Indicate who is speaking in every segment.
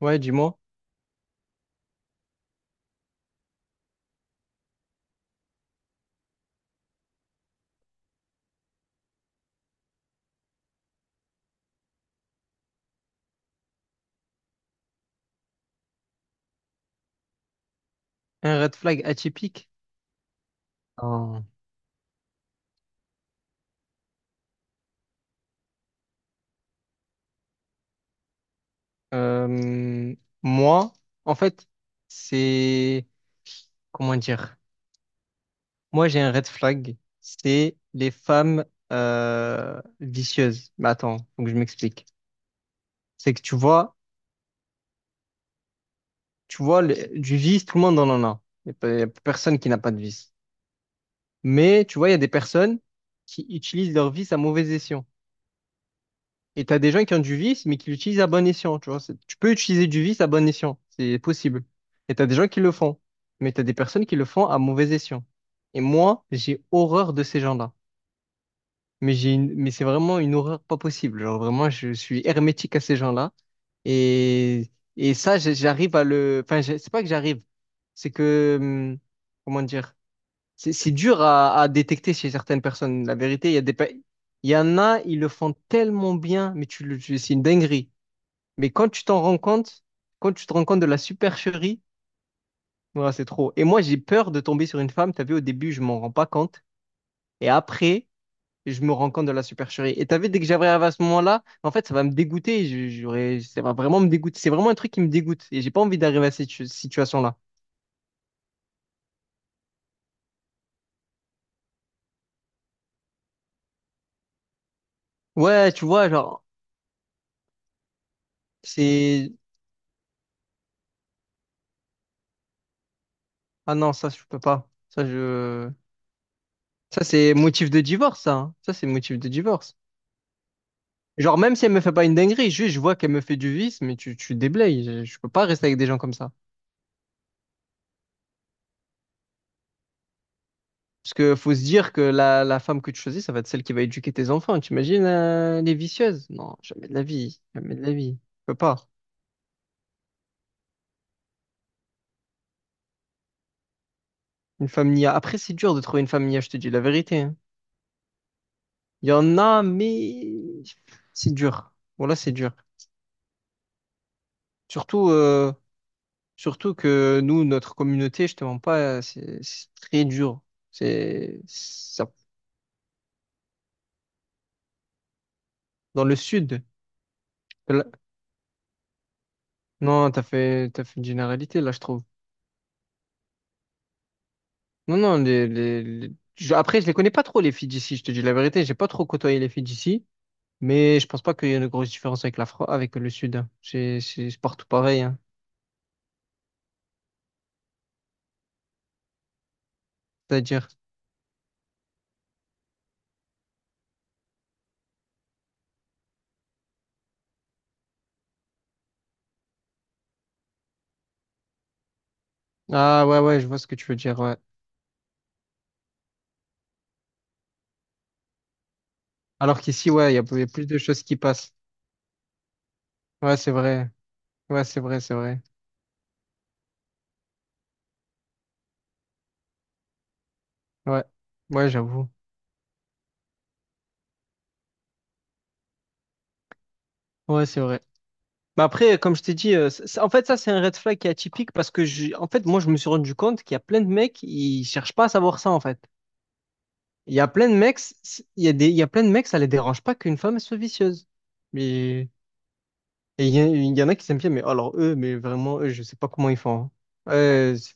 Speaker 1: Ouais, dis-moi. Un red flag atypique. Ah, Euh, moi, en fait, c'est... Comment dire? Moi, j'ai un red flag. C'est les femmes vicieuses. Mais attends, faut que je m'explique. C'est que tu vois, du vice, tout le monde en a. Il n'y a, pas- Y a personne qui n'a pas de vice. Mais tu vois, il y a des personnes qui utilisent leur vice à mauvais escient. Et t'as des gens qui ont du vice, mais qui l'utilisent à bon escient, tu vois. Tu peux utiliser du vice à bon escient, c'est possible. Et t'as des gens qui le font, mais t'as des personnes qui le font à mauvais escient. Et moi, j'ai horreur de ces gens-là. Mais mais c'est vraiment une horreur pas possible. Genre vraiment, je suis hermétique à ces gens-là. Et et ça, j'arrive à le. Enfin, c'est pas que j'arrive, c'est que comment dire. C'est dur à détecter chez certaines personnes. La vérité, il y en a, ils le font tellement bien, mais c'est une dinguerie. Mais quand tu t'en rends compte, quand tu te rends compte de la supercherie, voilà, c'est trop. Et moi, j'ai peur de tomber sur une femme. T'as vu, au début, je m'en rends pas compte. Et après, je me rends compte de la supercherie. Et t'as vu, dès que j'arrive à ce moment-là, en fait, ça va me dégoûter. J'aurais, ça va vraiment me dégoûter. C'est vraiment un truc qui me dégoûte. Et j'ai pas envie d'arriver à cette situation-là. Ouais, tu vois, genre, c'est, ah non, ça, je peux pas. Ça, je, ça, c'est motif de divorce, ça, hein. Ça, c'est motif de divorce. Genre, même si elle me fait pas une dinguerie, juste je vois qu'elle me fait du vice, mais tu déblayes. Je peux pas rester avec des gens comme ça. Parce que faut se dire que la femme que tu choisis, ça va être celle qui va éduquer tes enfants. T'imagines, les vicieuses? Non, jamais de la vie. Jamais de la vie. Je peux pas. Une femme nia. Après, c'est dur de trouver une femme nia, je te dis la vérité, hein. Il y en a, mais c'est dur. Voilà, c'est dur. Surtout, euh, Surtout que nous, notre communauté, je te mens pas, c'est très dur. C'est ça. Dans le sud. là- Non, t'as fait une généralité, là, je trouve. Non, non, après, je les connais pas trop, les filles d'ici, je te dis la vérité. J'ai pas trop côtoyé les filles d'ici, mais je pense pas qu'il y ait une grosse différence avec avec le sud, hein. C'est partout pareil, hein. C'est-à-dire. Ah, ouais, ouais, je vois ce que tu veux dire, ouais. Alors qu'ici, ouais, il y a plus de choses qui passent. Ouais, c'est vrai. Ouais, c'est vrai, c'est vrai. Ouais, ouais, j'avoue. Ouais, c'est vrai. Mais après, comme je t'ai dit, en fait, ça, c'est un red flag qui est atypique parce que, en fait, moi, je me suis rendu compte qu'il y a plein de mecs, ils cherchent pas à savoir ça, en fait. Il y a plein de mecs, il y a plein de mecs, ça les dérange pas qu'une femme soit vicieuse. Mais, il y en a qui s'aiment bien, mais alors eux, mais vraiment, eux, je sais pas comment ils font, hein. Euh, c'est-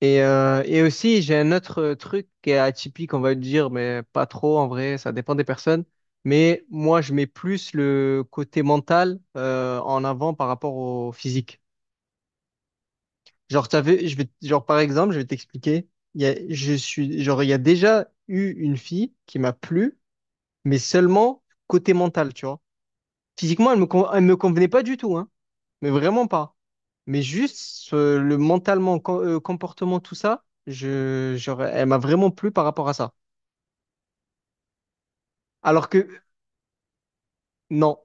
Speaker 1: et, euh, Et aussi, j'ai un autre truc qui est atypique, on va dire, mais pas trop, en vrai, ça dépend des personnes. Mais moi, je mets plus le côté mental, en avant par rapport au physique. Genre, t'avais, je vais, genre, par exemple, je vais t'expliquer. Il y a, je suis, genre, il y a déjà eu une fille qui m'a plu, mais seulement côté mental, tu vois. Physiquement, elle me convenait pas du tout, hein, mais vraiment pas. Mais juste, le mentalement, comportement, tout ça, je, genre, elle m'a vraiment plu par rapport à ça. Alors que, non,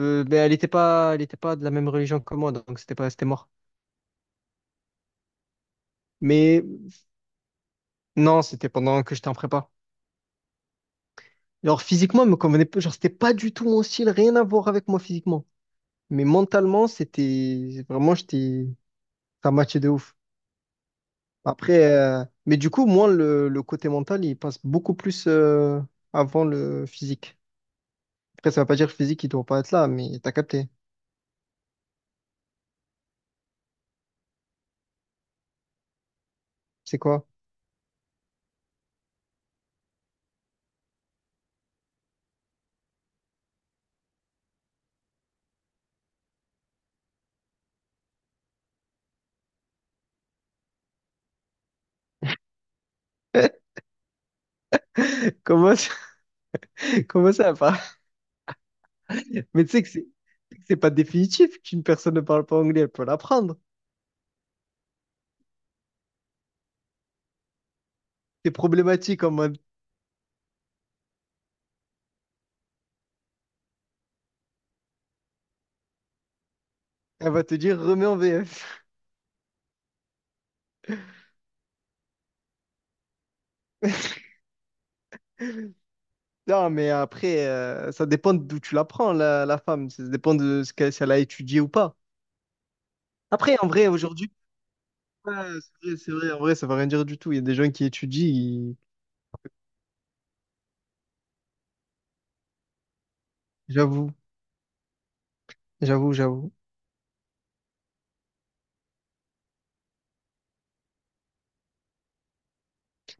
Speaker 1: ben, elle était pas de la même religion que moi, donc c'était mort. Mais non, c'était pendant que j'étais en prépa. Genre physiquement, elle me convenait pas. Genre, c'était pas du tout mon style, rien à voir avec moi physiquement. Mais mentalement, ça matchait de ouf. Après, mais du coup, moi, le côté mental, il passe beaucoup plus avant le physique. Après, ça veut pas dire que le physique, il doit pas être là, mais t'as capté. C'est quoi? Comment ça, comment ça va? Mais tu sais que c'est pas définitif qu'une personne ne parle pas anglais, elle peut l'apprendre. C'est problématique en mode, elle va te dire remets en VF. Non, mais après, ça dépend d'où tu la prends, la femme. Ça dépend de ce qu'elle, si elle a étudié ou pas. Après, en vrai, aujourd'hui, ouais, c'est vrai, en vrai, ça veut rien dire du tout. Il y a des gens qui étudient, j'avoue, j'avoue, j'avoue.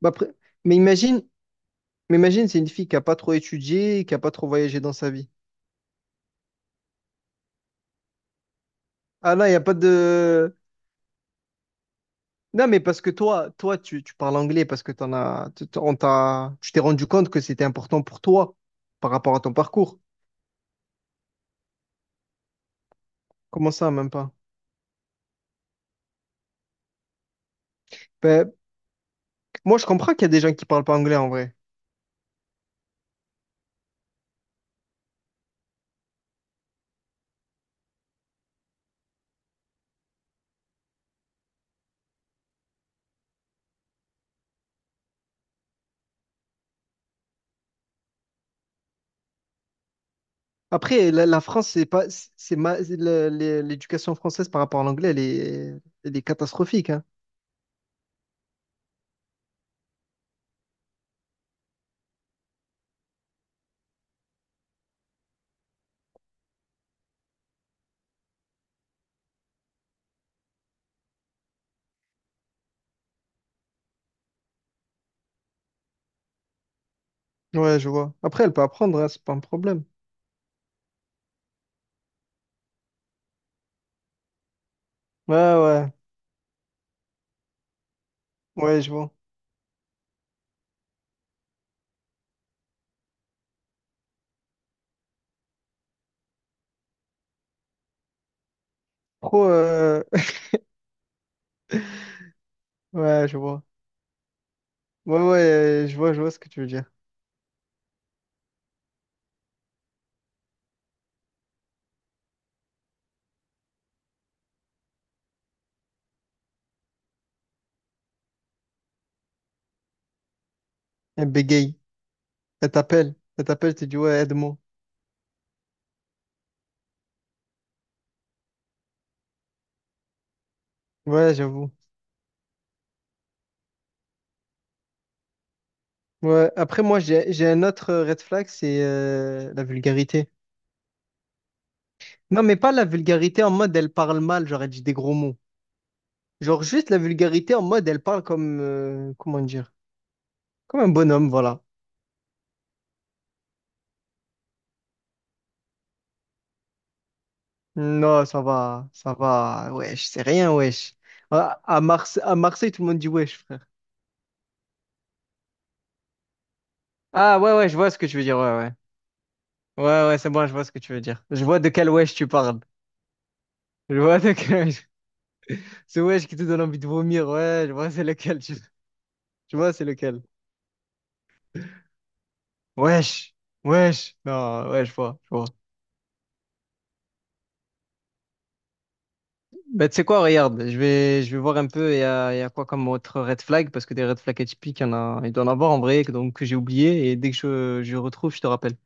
Speaker 1: Bah, après, mais imagine, mais imagine, c'est une fille qui a pas trop étudié, qui a pas trop voyagé dans sa vie. Ah là, il n'y a pas de... Non, mais parce que toi, toi, tu parles anglais parce que t'en as, t- t- on t'a, tu t'es rendu compte que c'était important pour toi par rapport à ton parcours. Comment ça, même pas? Ben, moi, je comprends qu'il y a des gens qui parlent pas anglais en vrai. Après, la France, c'est pas, c'est ma- le- l'éducation française par rapport à l'anglais, elle est catastrophique, hein. Ouais, je vois. Après, elle peut apprendre, hein, c'est pas un problème. Ouais, ouais, ouais, je vois. Trop, ouais, je vois. Ouais, ouais, je vois ce que tu veux dire. Elle bégaye, elle t'appelle, tu dis ouais, aide-moi. Ouais, j'avoue. Ouais. Après, moi, j'ai un autre red flag, c'est la vulgarité. Non, mais pas la vulgarité en mode elle parle mal, j'aurais dit des gros mots. Genre juste la vulgarité en mode elle parle comme comment dire? Comme un bonhomme, voilà. Non, ça va, ça va. Wesh, c'est rien, wesh. À Marseille, tout le monde dit wesh, frère. Ah ouais, ouais, je vois ce que tu veux dire, ouais, ouais. Ouais, ouais, c'est bon, je vois ce que tu veux dire. Je vois de quel wesh tu parles. Je vois de quel ce wesh qui te donne envie de vomir, ouais, je vois c'est lequel tu... Je vois c'est lequel. Wesh, wesh. Non, ouais, je vois, je vois. Ben, tu sais quoi, regarde, je vais voir un peu, il y a quoi comme autre red flag, parce que des red flags atypiques, il y en a, il doit en avoir en vrai, donc que j'ai oublié, et dès que je retrouve, je te rappelle.